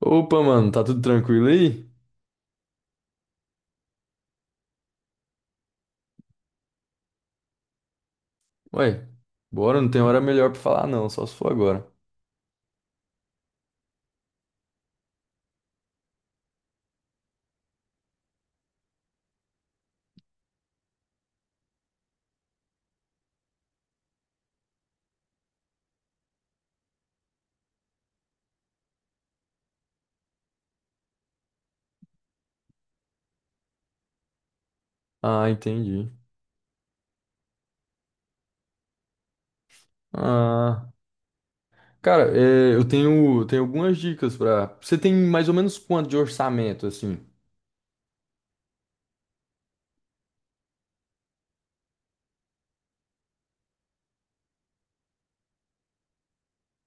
Opa, mano, tá tudo tranquilo aí? Ué, bora, não tem hora melhor pra falar não, só se for agora. Ah, entendi. Ah, cara, é, tenho algumas dicas pra... Você tem mais ou menos quanto de orçamento, assim?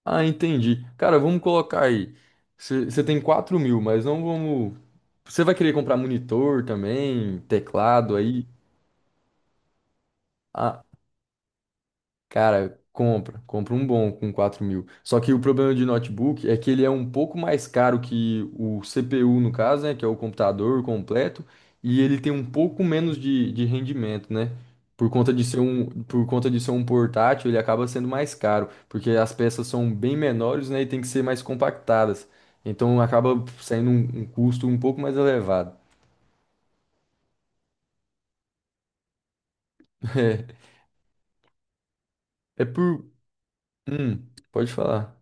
Ah, entendi. Cara, vamos colocar aí. Você tem 4.000, mas não vamos... Você vai querer comprar monitor também, teclado aí? Ah, cara, compra. Compra um bom com 4.000. Só que o problema de notebook é que ele é um pouco mais caro que o CPU, no caso, né? Que é o computador completo. E ele tem um pouco menos de rendimento, né? Por conta de ser um portátil, ele acaba sendo mais caro. Porque as peças são bem menores, né? E tem que ser mais compactadas. Então acaba saindo um custo um pouco mais elevado. É, é por. Hum, pode falar.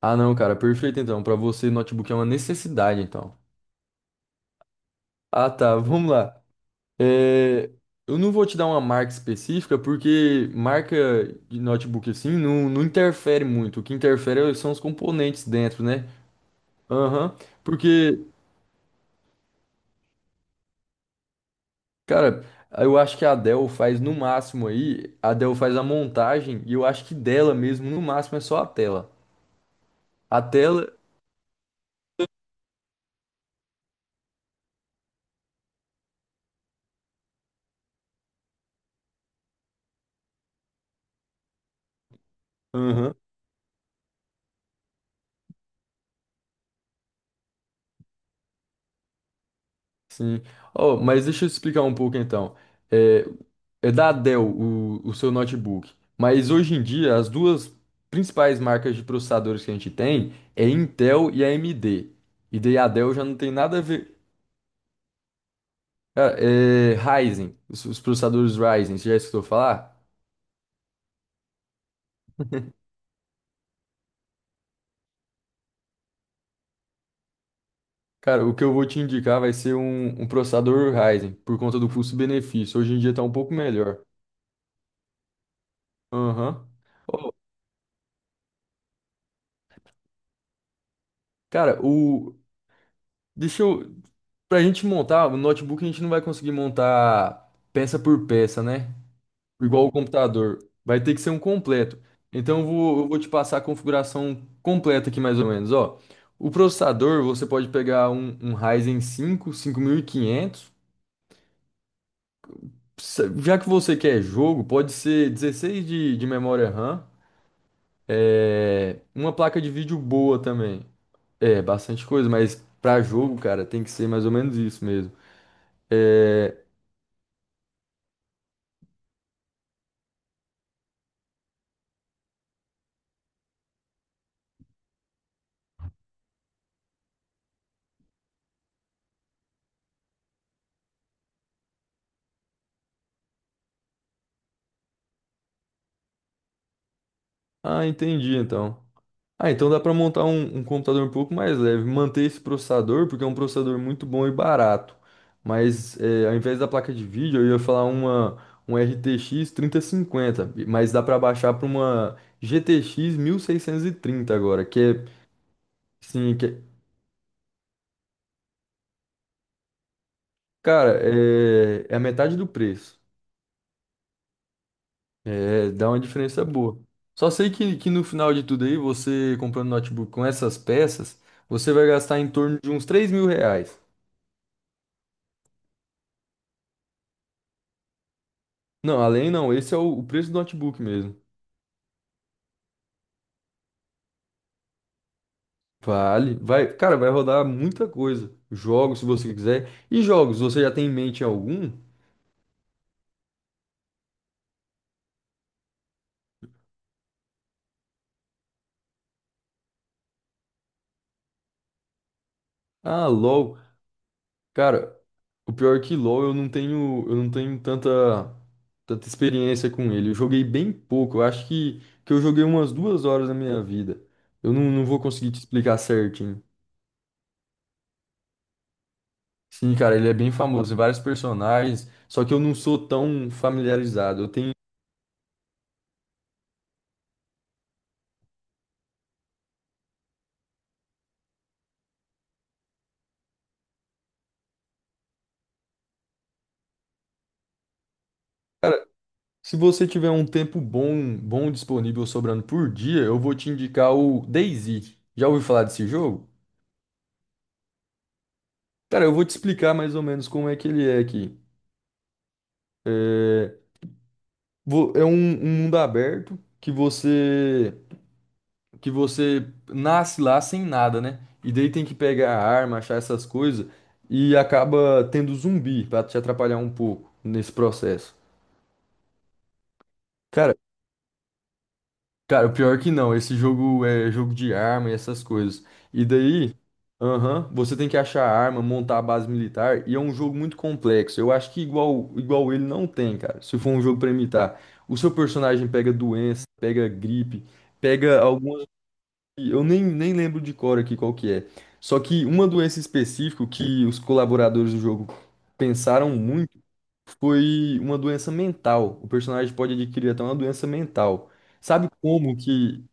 Ah, não, cara, perfeito então. Pra você, notebook é uma necessidade, então. Ah, tá, vamos lá. É, eu não vou te dar uma marca específica, porque marca de notebook assim não interfere muito. O que interfere são os componentes dentro, né? Aham. Porque, cara, eu acho que a Dell faz no máximo aí, a Dell faz a montagem, e eu acho que dela mesmo, no máximo, é só a tela. A tela. Aham. Sim. Oh, mas deixa eu explicar um pouco então. É, é da Dell o seu notebook. Mas hoje em dia, as duas principais marcas de processadores que a gente tem é Intel e a AMD. E daí a Dell já não tem nada a ver. Ah, é Ryzen, os processadores Ryzen, você já escutou falar? Cara, o que eu vou te indicar vai ser um processador Ryzen, por conta do custo-benefício. Hoje em dia tá um pouco melhor. Aham. Ô, cara, o. Deixa eu. Pra gente montar, o notebook a gente não vai conseguir montar peça por peça, né? Igual o computador. Vai ter que ser um completo. Então eu vou te passar a configuração completa aqui mais ou menos, ó. O processador, você pode pegar um Ryzen 5, 5500. Já que você quer jogo, pode ser 16 de memória RAM. É, uma placa de vídeo boa também. É, bastante coisa, mas pra jogo, cara, tem que ser mais ou menos isso mesmo. É, ah, entendi então. Ah, então dá para montar um computador um pouco mais leve, manter esse processador, porque é um processador muito bom e barato. Mas é, ao invés da placa de vídeo, eu ia falar uma um RTX 3050, mas dá para baixar para uma GTX 1630 agora, que é, sim, que é- cara, é, é a metade do preço. É, dá uma diferença boa. Só sei que no final de tudo aí, você comprando notebook com essas peças, você vai gastar em torno de uns R$ 3.000. Não, além não, esse é o preço do notebook mesmo. Vale, vai, cara, vai rodar muita coisa. Jogos, se você quiser. E jogos, você já tem em mente algum? Ah, LoL. Cara, o pior é que LoL eu não tenho tanta experiência com ele. Eu joguei bem pouco. Eu acho que eu joguei umas 2 horas da minha vida. Eu não, não vou conseguir te explicar certinho. Sim, cara, ele é bem famoso, tem vários personagens, só que eu não sou tão familiarizado. Eu tenho, cara, se você tiver um tempo bom, bom disponível sobrando por dia, eu vou te indicar o DayZ. Já ouviu falar desse jogo? Cara, eu vou te explicar mais ou menos como é que ele é aqui. É, é um mundo aberto que você nasce lá sem nada, né? E daí tem que pegar a arma, achar essas coisas e acaba tendo zumbi pra te atrapalhar um pouco nesse processo. Cara, Cara, o pior que não. Esse jogo é jogo de arma e essas coisas. E daí, aham, você tem que achar a arma, montar a base militar, e é um jogo muito complexo. Eu acho que igual ele não tem, cara. Se for um jogo pra imitar, o seu personagem pega doença, pega gripe, pega algumas. Eu nem, nem lembro de cor aqui qual que é. Só que uma doença específica que os colaboradores do jogo pensaram muito foi uma doença mental. O personagem pode adquirir até uma doença mental. Sabe como que,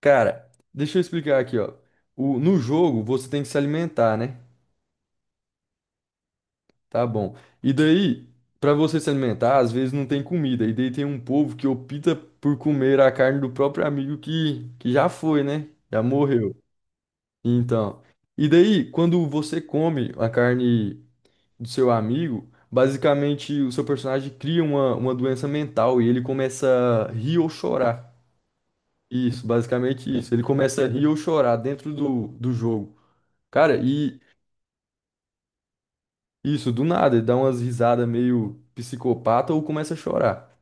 cara, deixa eu explicar aqui, ó. No jogo você tem que se alimentar, né? Tá bom. E daí, pra você se alimentar, às vezes não tem comida. E daí tem um povo que opta por comer a carne do próprio amigo que já foi, né? Já morreu. Então, e daí, quando você come a carne do seu amigo, basicamente o seu personagem cria uma doença mental e ele começa a rir ou chorar. Isso, basicamente isso. Ele começa a rir ou chorar dentro do jogo. Cara, e isso, do nada, ele dá umas risadas meio psicopata ou começa a chorar.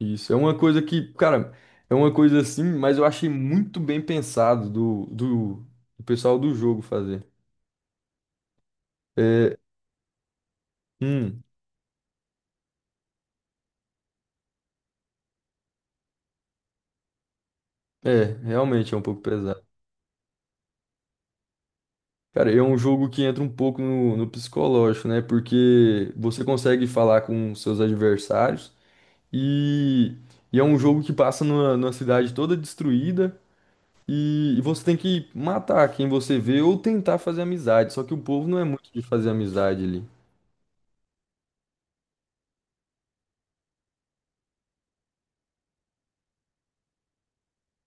Isso, é uma coisa que, cara, é uma coisa assim, mas eu achei muito bem pensado do pessoal do jogo fazer. É, hum, é, realmente é um pouco pesado. Cara, é um jogo que entra um pouco no, no psicológico, né? Porque você consegue falar com seus adversários e, e é um jogo que passa numa cidade toda destruída. E você tem que matar quem você vê ou tentar fazer amizade. Só que o povo não é muito de fazer amizade ali.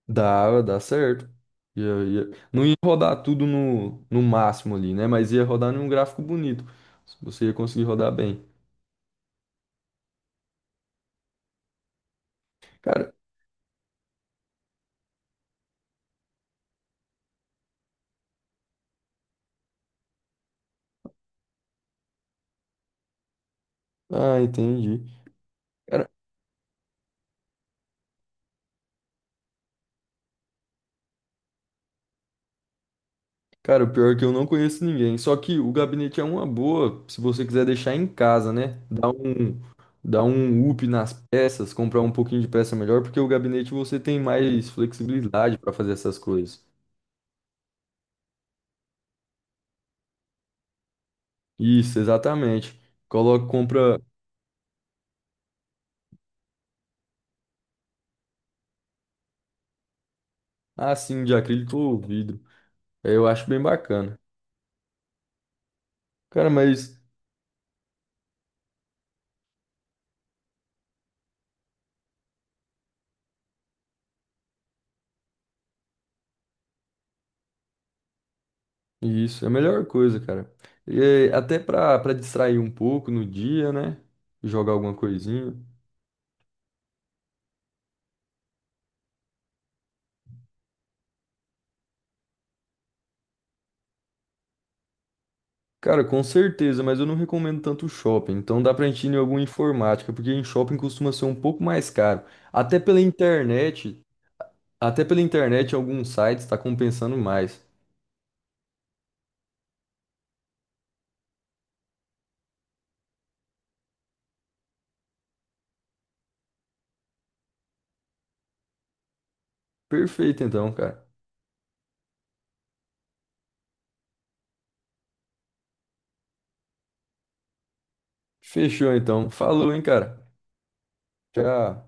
Dá, dá certo. Ia- ia- Não ia rodar tudo no máximo ali, né? Mas ia rodar num gráfico bonito. Você ia conseguir rodar bem. Cara, ah, entendi. Cara, o pior é que eu não conheço ninguém. Só que o gabinete é uma boa, se você quiser deixar em casa, né? Dar dar um up nas peças, comprar um pouquinho de peça melhor, porque o gabinete você tem mais flexibilidade para fazer essas coisas. Isso, exatamente. Coloca, compra assim de acrílico ou vidro. É, eu acho bem bacana. Cara, mas isso é a melhor coisa, cara. E, é, até para distrair um pouco no dia, né? Jogar alguma coisinha. Cara, com certeza, mas eu não recomendo tanto shopping. Então dá pra gente ir em alguma informática, porque em shopping costuma ser um pouco mais caro. Até pela internet, até pela internet alguns sites tá compensando mais. Perfeito então, cara. Fechou então. Falou, hein, cara. Tchau.